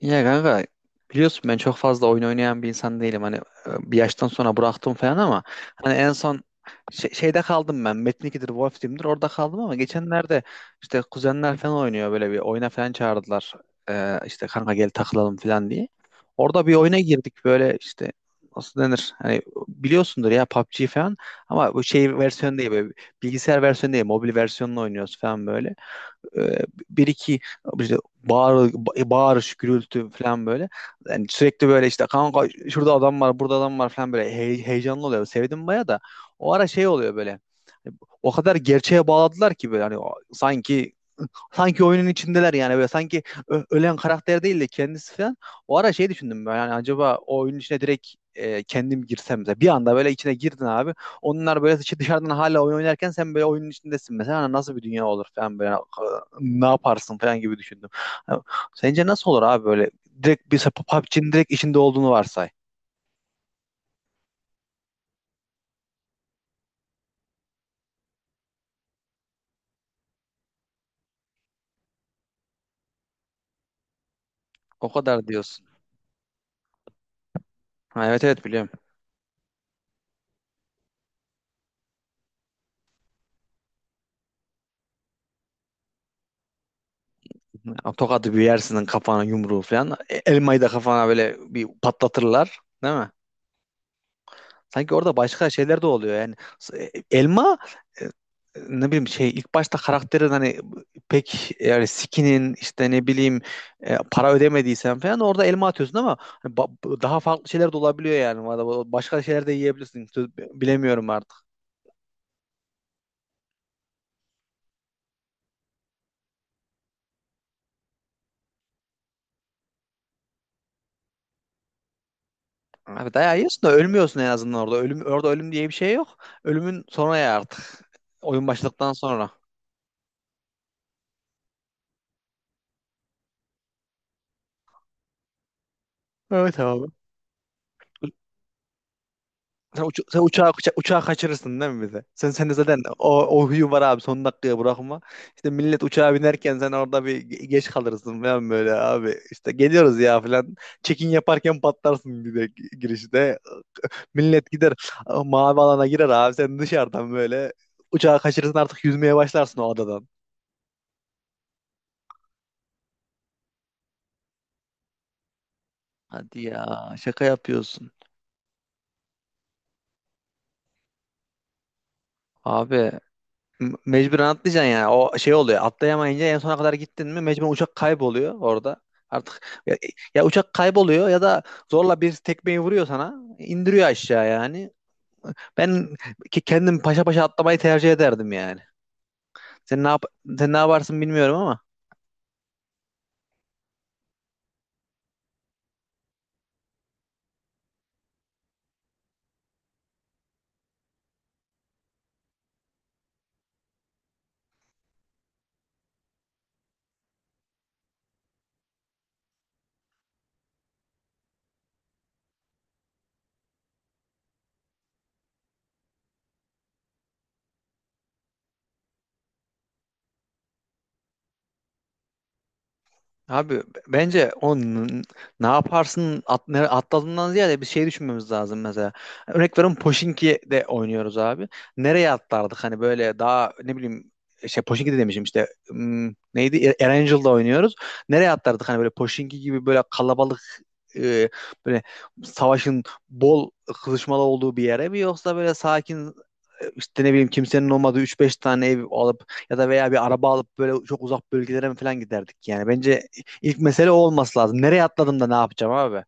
Ya kanka biliyorsun ben çok fazla oyun oynayan bir insan değilim. Hani bir yaştan sonra bıraktım falan ama hani en son şeyde kaldım ben. Metin 2'dir, Wolf Team'dir orada kaldım ama geçenlerde işte kuzenler falan oynuyor böyle bir oyuna falan çağırdılar. İşte kanka gel takılalım falan diye. Orada bir oyuna girdik böyle işte nasıl denir? Hani biliyorsundur ya PUBG falan ama bu şey versiyon değil böyle bilgisayar versiyonu değil mobil versiyonunu oynuyoruz falan böyle e, bir iki işte bağır, bağırış, gürültü falan böyle. Yani sürekli böyle işte kanka şurada adam var, burada adam var falan böyle heyecanlı oluyor. Sevdim baya da. O ara şey oluyor böyle. O kadar gerçeğe bağladılar ki böyle hani sanki oyunun içindeler yani böyle sanki ölen karakter değil de kendisi falan. O ara şey düşündüm ben yani acaba o oyunun içine direkt kendim girsem de bir anda böyle içine girdin abi. Onlar böyle dışarıdan hala oyun oynarken sen böyle oyunun içindesin mesela Hani nasıl bir dünya olur falan böyle hani, ne yaparsın falan gibi düşündüm. Ha, sence nasıl olur abi böyle direkt bir PUBG'nin direkt içinde olduğunu varsay. O kadar diyorsun. Ha, evet evet biliyorum. Tokadı bir yersin kafana yumruğu falan. Elmayı da kafana böyle bir patlatırlar. Değil mi? Sanki orada başka şeyler de oluyor yani. Elma e, ne bileyim şey ilk başta karakterin hani pek yani skinin işte ne bileyim para ödemediysen falan orada elma atıyorsun ama hani daha farklı şeyler de olabiliyor yani. Valla, başka şeyler de yiyebilirsin. Bilemiyorum artık. Abi dayağı yiyorsun da ölmüyorsun en azından orada. Ölüm, orada ölüm diye bir şey yok. Ölümün sonra ya artık. Oyun başladıktan sonra. Evet abi. Sen uçağı kaçırırsın değil mi bize? Sen de zaten o huyu var abi son dakikaya bırakma. İşte millet uçağa binerken sen orada bir geç kalırsın falan böyle abi. İşte geliyoruz ya falan. Check-in yaparken patlarsın bir de girişte. Millet gider mavi alana girer abi sen dışarıdan böyle uçağı kaçırırsın artık yüzmeye başlarsın o adadan. Hadi ya şaka yapıyorsun. Abi Mecburen atlayacaksın yani. O şey oluyor. Atlayamayınca en sona kadar gittin mi mecburen uçak kayboluyor orada. Artık ya, ya uçak kayboluyor ya da zorla bir tekmeyi vuruyor sana, indiriyor aşağı yani. Ben ki kendim paşa paşa atlamayı tercih ederdim yani. Sen ne yap sen ne yaparsın bilmiyorum ama. Abi bence o ne yaparsın atladığından ziyade bir şey düşünmemiz lazım mesela. Örnek veriyorum Pochinki'de de oynuyoruz abi. Nereye atlardık hani böyle daha ne bileyim şey Pochinki de demişim işte neydi Erangel'da oynuyoruz. Nereye atlardık hani böyle Pochinki gibi böyle kalabalık e, böyle savaşın bol kızışmalı olduğu bir yere mi yoksa böyle sakin işte ne bileyim kimsenin olmadığı 3-5 tane ev alıp ya da veya bir araba alıp böyle çok uzak bölgelere mi falan giderdik yani. Bence ilk mesele o olması lazım. Nereye atladım da ne yapacağım abi?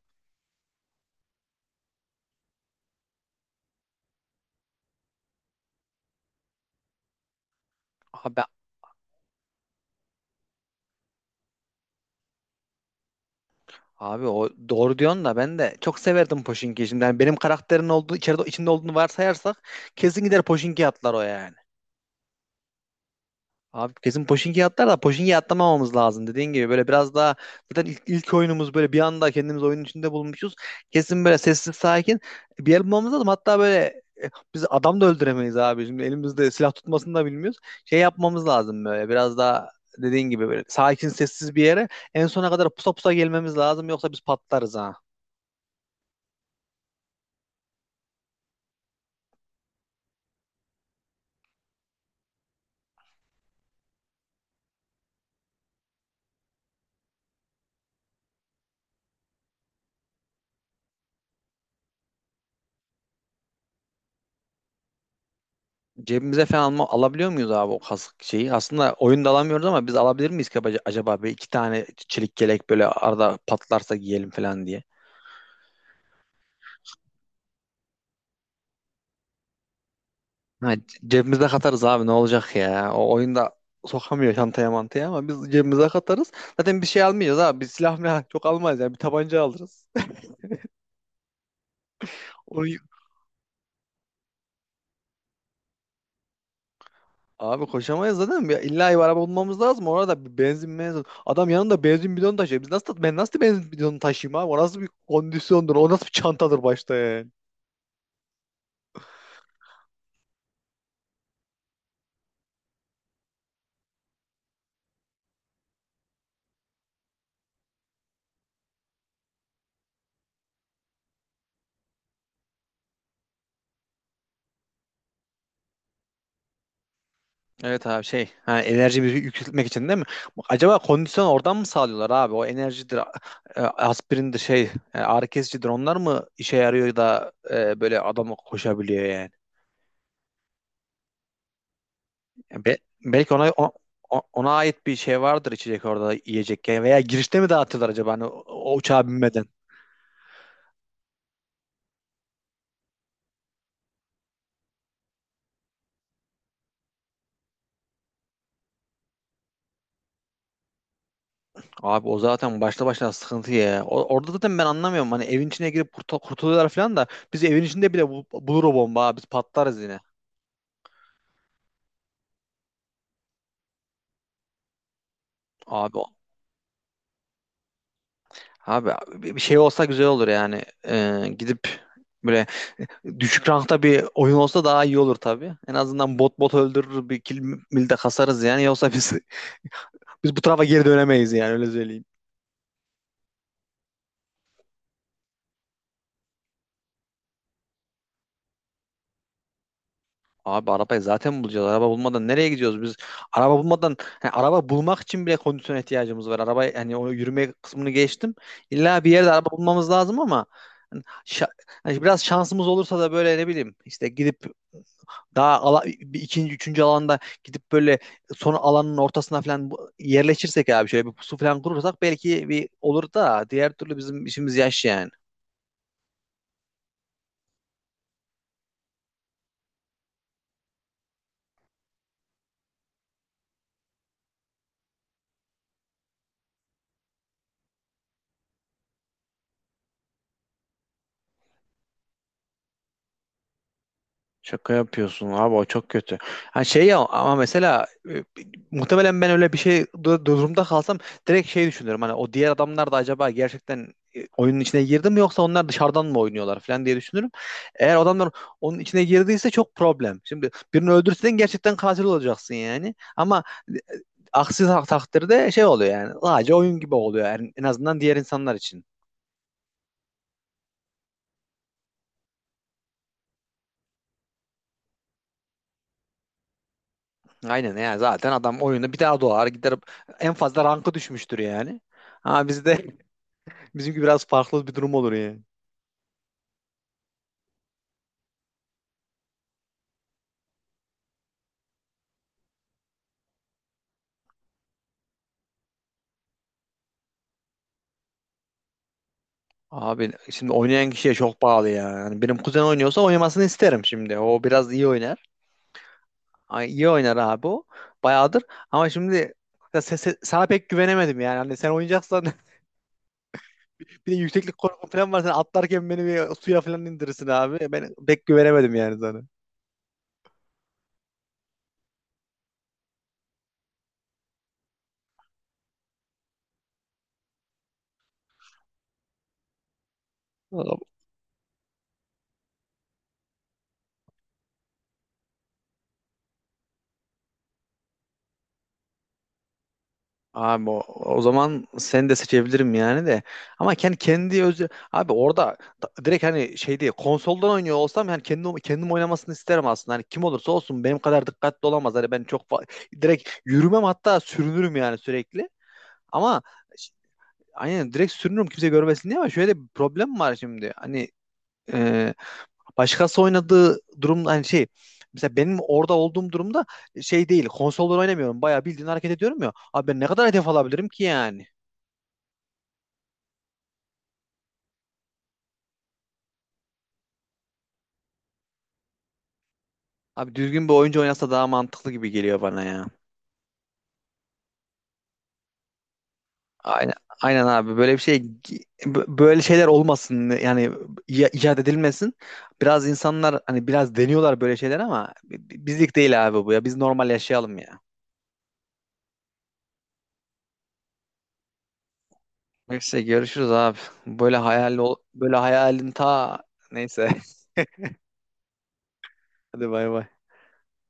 Abi abi o doğru diyorsun da ben de çok severdim Pochinki'yi. Şimdi yani benim karakterin olduğu içinde olduğunu varsayarsak kesin gider Pochinki atlar o yani. Abi kesin Pochinki atlar da Pochinki atlamamamız lazım dediğin gibi böyle biraz daha zaten ilk oyunumuz böyle bir anda kendimiz oyunun içinde bulmuşuz. Kesin böyle sessiz sakin bir yer bulmamız lazım. Hatta böyle biz adam da öldüremeyiz abi. Şimdi elimizde silah tutmasını da bilmiyoruz. Şey yapmamız lazım böyle. Biraz daha dediğin gibi böyle sakin sessiz bir yere en sona kadar pusa pusa gelmemiz lazım yoksa biz patlarız ha. Cebimize falan alabiliyor muyuz abi o kask şeyi? Aslında oyunda alamıyoruz ama biz alabilir miyiz ki acaba bir iki tane çelik yelek böyle arada patlarsa giyelim falan diye. Ha, cebimize katarız abi ne olacak ya? O oyunda sokamıyor çantaya mantaya ama biz cebimize katarız. Zaten bir şey almayacağız abi. Biz silah milah çok almayız yani bir tabanca alırız. Onu, Abi koşamayız zaten. Ya, İlla bir araba bulmamız lazım. Orada bir benzin. Adam yanında benzin bidonu taşıyor. Biz nasıl ben nasıl benzin bidonu taşıyayım abi? O nasıl bir kondisyondur? O nasıl bir çantadır başta yani? Evet abi şey ha, enerjimizi yükseltmek için değil mi? Bak, acaba kondisyon oradan mı sağlıyorlar abi? O enerjidir, aspirindir şey, ağrı kesicidir. Onlar mı işe yarıyor da böyle adam koşabiliyor yani? Ya belki ona ait bir şey vardır içecek orada yiyecek yani. Veya girişte mi dağıtıyorlar acaba hani o uçağa binmeden? Abi o zaten başta başına sıkıntı ya. Orada zaten ben anlamıyorum. Hani evin içine girip kurtuluyorlar falan da biz evin içinde bile bulur o bomba abi. Biz patlarız yine. Abi o- abi bir şey olsa güzel olur yani. Gidip böyle düşük rankta bir oyun olsa daha iyi olur tabii. En azından bot bot öldürür bir kill mil de kasarız yani. Yoksa biz biz bu tarafa geri dönemeyiz yani öyle söyleyeyim. Abi arabayı zaten bulacağız. Araba bulmadan nereye gidiyoruz biz? Araba bulmadan yani araba bulmak için bile kondisyona ihtiyacımız var. Araba yani o yürüme kısmını geçtim. İlla bir yerde araba bulmamız lazım ama hani şa- hani biraz şansımız olursa da böyle ne bileyim işte gidip daha bir ikinci üçüncü alanda gidip böyle son alanın ortasına falan yerleşirsek abi şöyle bir pusu falan kurursak belki bir olur da diğer türlü bizim işimiz yaş yani. Şaka yapıyorsun abi o çok kötü. Ha şey ya ama mesela muhtemelen ben öyle bir şey durumda kalsam direkt şey düşünürüm. Hani o diğer adamlar da acaba gerçekten oyunun içine girdi mi yoksa onlar dışarıdan mı oynuyorlar falan diye düşünürüm. Eğer adamlar onun içine girdiyse çok problem. Şimdi birini öldürsen gerçekten katil olacaksın yani. Ama e, aksi takdirde şey oluyor yani. Sadece oyun gibi oluyor yani en azından diğer insanlar için. Aynen ya zaten adam oyunda bir daha doğar gider en fazla rankı düşmüştür yani. Ha, bizde bizimki biraz farklı bir durum olur yani. Abi şimdi oynayan kişiye çok bağlı ya. Yani benim kuzen oynuyorsa oynamasını isterim şimdi. O biraz iyi oynar. Ay, iyi oynar abi o. Bayağıdır. Ama şimdi ya sana pek güvenemedim yani. Hani sen oynayacaksan bir de yükseklik korkun falan var. Sen atlarken beni bir suya falan indirirsin abi. Ben pek güvenemedim yani sana. Abi o zaman seni de seçebilirim yani de. Ama kendi kendi özü abi orada direkt hani şey değil konsoldan oynuyor olsam hani kendim kendim oynamasını isterim aslında. Hani kim olursa olsun benim kadar dikkatli olamaz. Hani ben çok direkt yürümem hatta sürünürüm yani sürekli. Ama ş- aynen direkt sürünürüm kimse görmesin diye ama şöyle bir problem var şimdi. Hani e, başkası oynadığı durumda hani şey. Mesela benim orada olduğum durumda şey değil, konsoldan oynamıyorum. Bayağı bildiğin hareket ediyorum ya. Abi ben ne kadar hedef alabilirim ki yani? Abi düzgün bir oyuncu oynasa daha mantıklı gibi geliyor bana ya. Aynen, aynen abi böyle bir şey böyle şeyler olmasın yani icat edilmesin. Biraz insanlar hani biraz deniyorlar böyle şeyler ama bizlik değil abi bu ya. Biz normal yaşayalım ya. Neyse görüşürüz abi. Böyle böyle hayalin ta neyse. Hadi bay bay.